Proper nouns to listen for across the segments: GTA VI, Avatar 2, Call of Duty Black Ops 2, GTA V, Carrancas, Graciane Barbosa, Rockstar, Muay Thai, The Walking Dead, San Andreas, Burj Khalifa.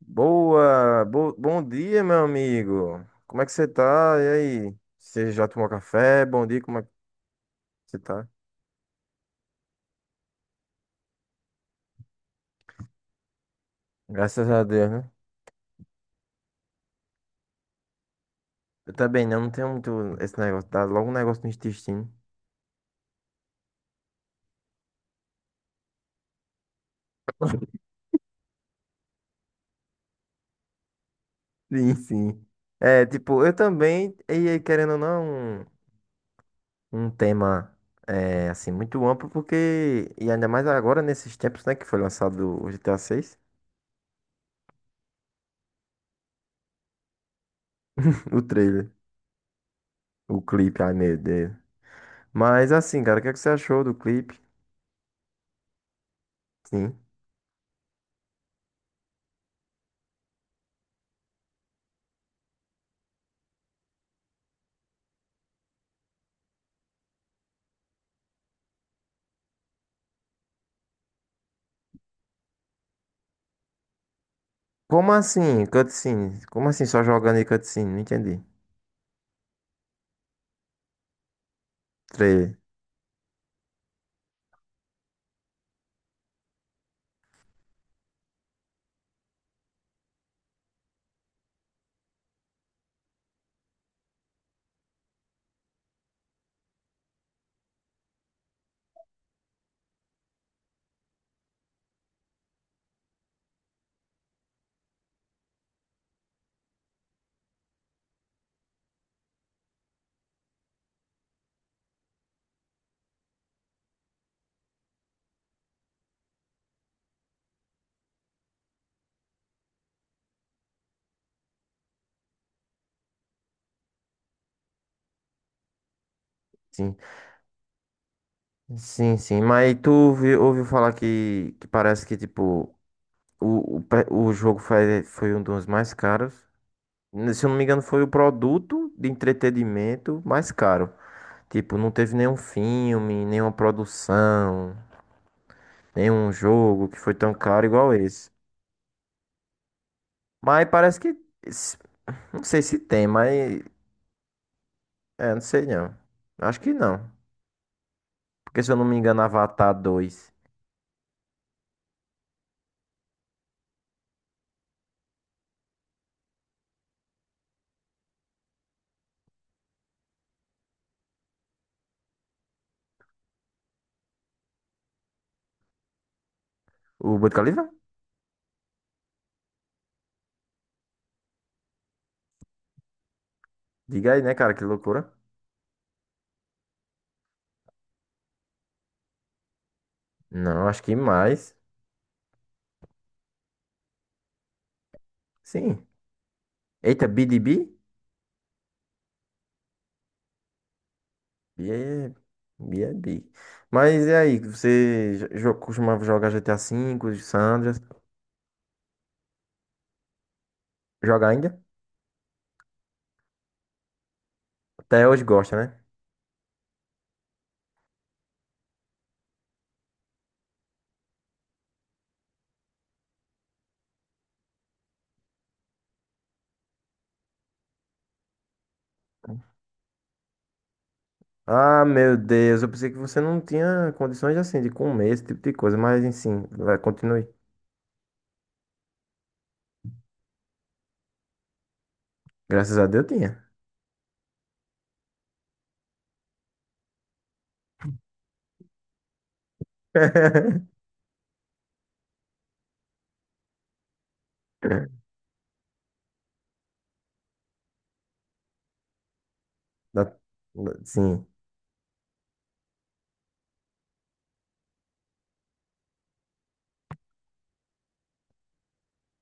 Bom dia, meu amigo. Como é que você tá? E aí? Você já tomou café? Bom dia, como é que você tá? Graças a Deus, né? Eu também não tenho muito esse negócio, dá logo um negócio no intestino. Sim, sim. É, tipo, eu também, e aí, querendo ou não, um tema, é, assim, muito amplo, porque, e ainda mais agora, nesses tempos, né, que foi lançado o GTA VI, o trailer, o clipe, ai meu Deus. Mas, assim, cara, o que é que você achou do clipe? Sim. Como assim, cutscene? Como assim só jogando e cutscene? Não entendi. Trailer. Sim. Sim, sim. Mas ouviu falar que, parece que, tipo, o jogo foi um dos mais caros. Se eu não me engano, foi o produto de entretenimento mais caro. Tipo, não teve nenhum filme, nenhuma produção, nenhum jogo que foi tão caro igual esse. Mas parece que. s- Não sei se tem, mas. É, não sei não. Acho que não. Porque se eu não me engano, Avatar 2. O Burj Khalifa? Diga aí, né, cara? Que loucura. Não, acho que mais. Sim. Eita, BDB? B B é B. É B. Mas e aí? Você costumava jogar GTA V, Sandras? Joga ainda? Até hoje gosta, né? Ah, meu Deus. Eu pensei que você não tinha condições assim de comer esse tipo de coisa. Mas, enfim, vai, continue. Graças a Deus tinha. Da- Sim.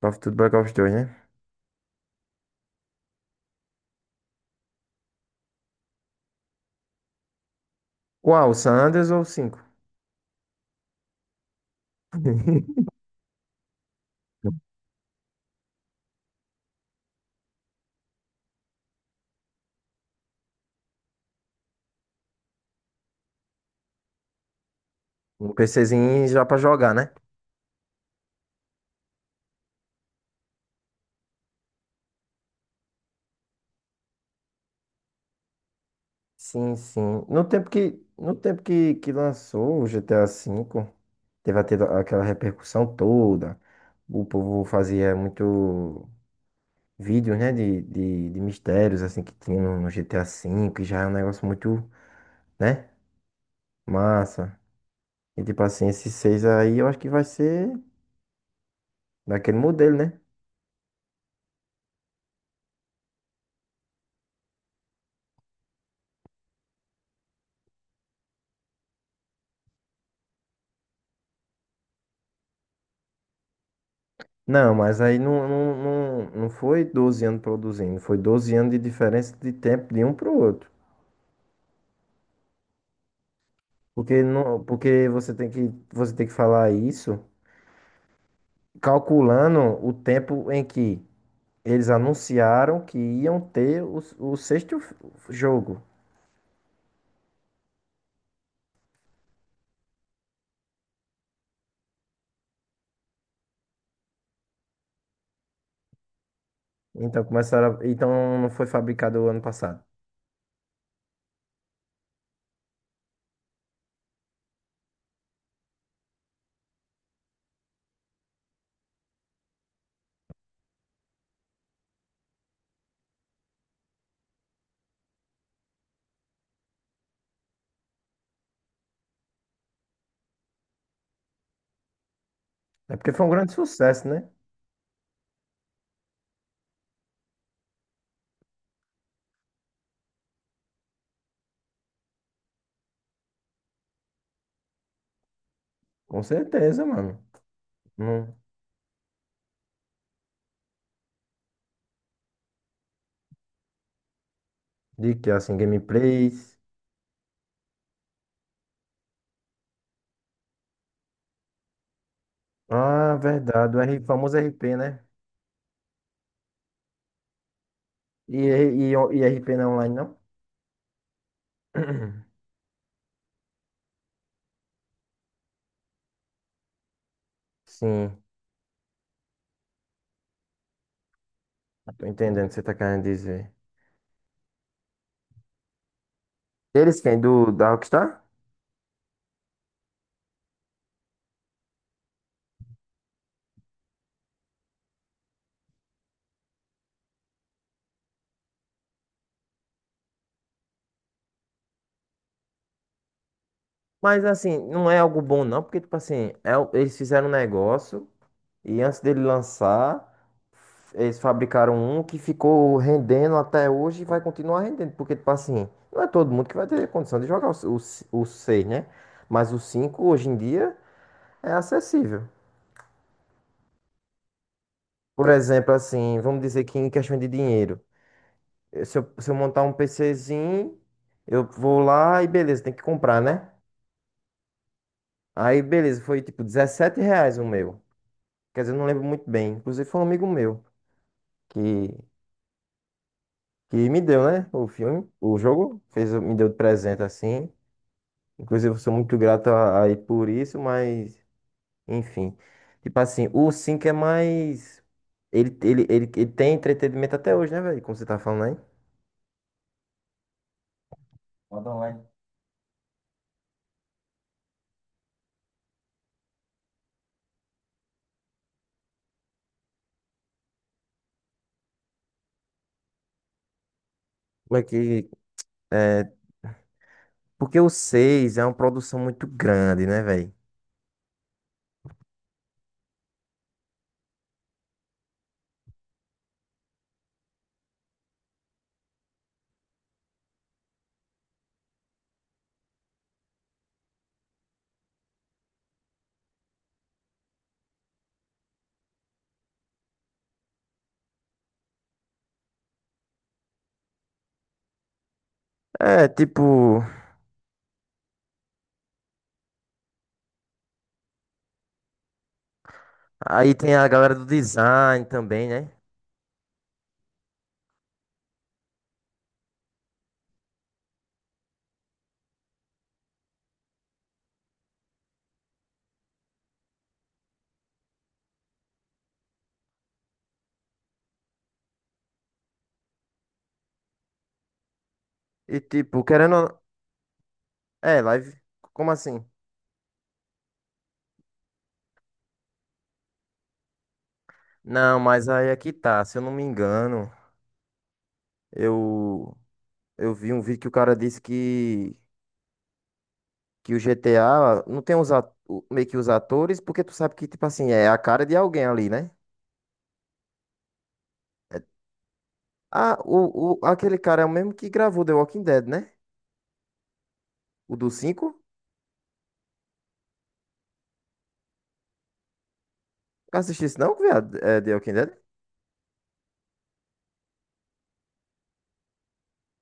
Call of Duty Black Ops 2, né? Qual? O San Andreas ou o 5? Um PCzinho já pra jogar, né? Sim, sim. No tempo que lançou o GTA V, teve até aquela repercussão toda. O povo fazia muito vídeos, né, de mistérios, assim, que tinha no GTA V, e já é um negócio muito, né, massa. E, tipo assim, esse 6 aí eu acho que vai ser daquele modelo, né? Não, mas aí não foi 12 anos produzindo, foi 12 anos de diferença de tempo de um pro outro. Porque não, porque você tem que falar isso calculando o tempo em que eles anunciaram que iam ter o sexto jogo. Então começaram, então não foi fabricado o ano passado. É porque foi um grande sucesso, né? Com certeza, mano. Não, de que assim, gameplays. Ah, verdade, o R, famoso r p né? E, e r p não é online, não? Sim, tô entendendo o que você tá querendo dizer. Eles quem? Da Rockstar? Mas assim, não é algo bom não, porque tipo assim, eles fizeram um negócio e antes dele lançar, eles fabricaram um que ficou rendendo até hoje e vai continuar rendendo, porque tipo assim, não é todo mundo que vai ter condição de jogar 6, né? Mas o 5 hoje em dia é acessível. Por exemplo, assim, vamos dizer que em questão de dinheiro, se eu montar um PCzinho, eu vou lá e beleza, tem que comprar, né? Aí beleza, foi tipo R$ 17 o meu. Quer dizer, eu não lembro muito bem. Inclusive, foi um amigo meu que, que me deu, né? O filme, o jogo, fez, me deu de presente assim. Inclusive, eu sou muito grato a ele por isso, mas, enfim. Tipo assim, o 5 é mais. Ele tem entretenimento até hoje, né, velho? Como você tá falando aí. Manda online. Como é que. É, porque o 6 é uma produção muito grande, né, velho? É, tipo. Aí tem a galera do design também, né? E, tipo, querendo. É, live. Como assim? Não, mas aí é que tá, se eu não me engano, eu eu vi um vídeo que o cara disse que o GTA não tem os meio que os atores, porque tu sabe que tipo assim, é a cara de alguém ali, né? Ah, o aquele cara é o mesmo que gravou The Walking Dead, né? O do cinco? Assistiu isso não, viado? É The Walking Dead?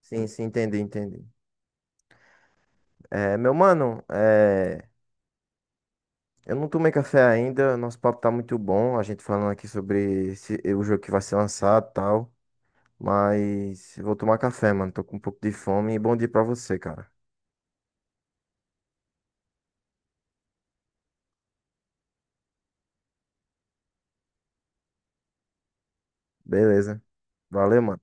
Sim, sim, entendi, entendi. É, meu mano, eu não tomei café ainda, nosso papo tá muito bom, a gente falando aqui sobre o jogo que vai ser lançado, e tal. Mas eu vou tomar café, mano. Tô com um pouco de fome. E bom dia pra você, cara. Beleza. Valeu, mano.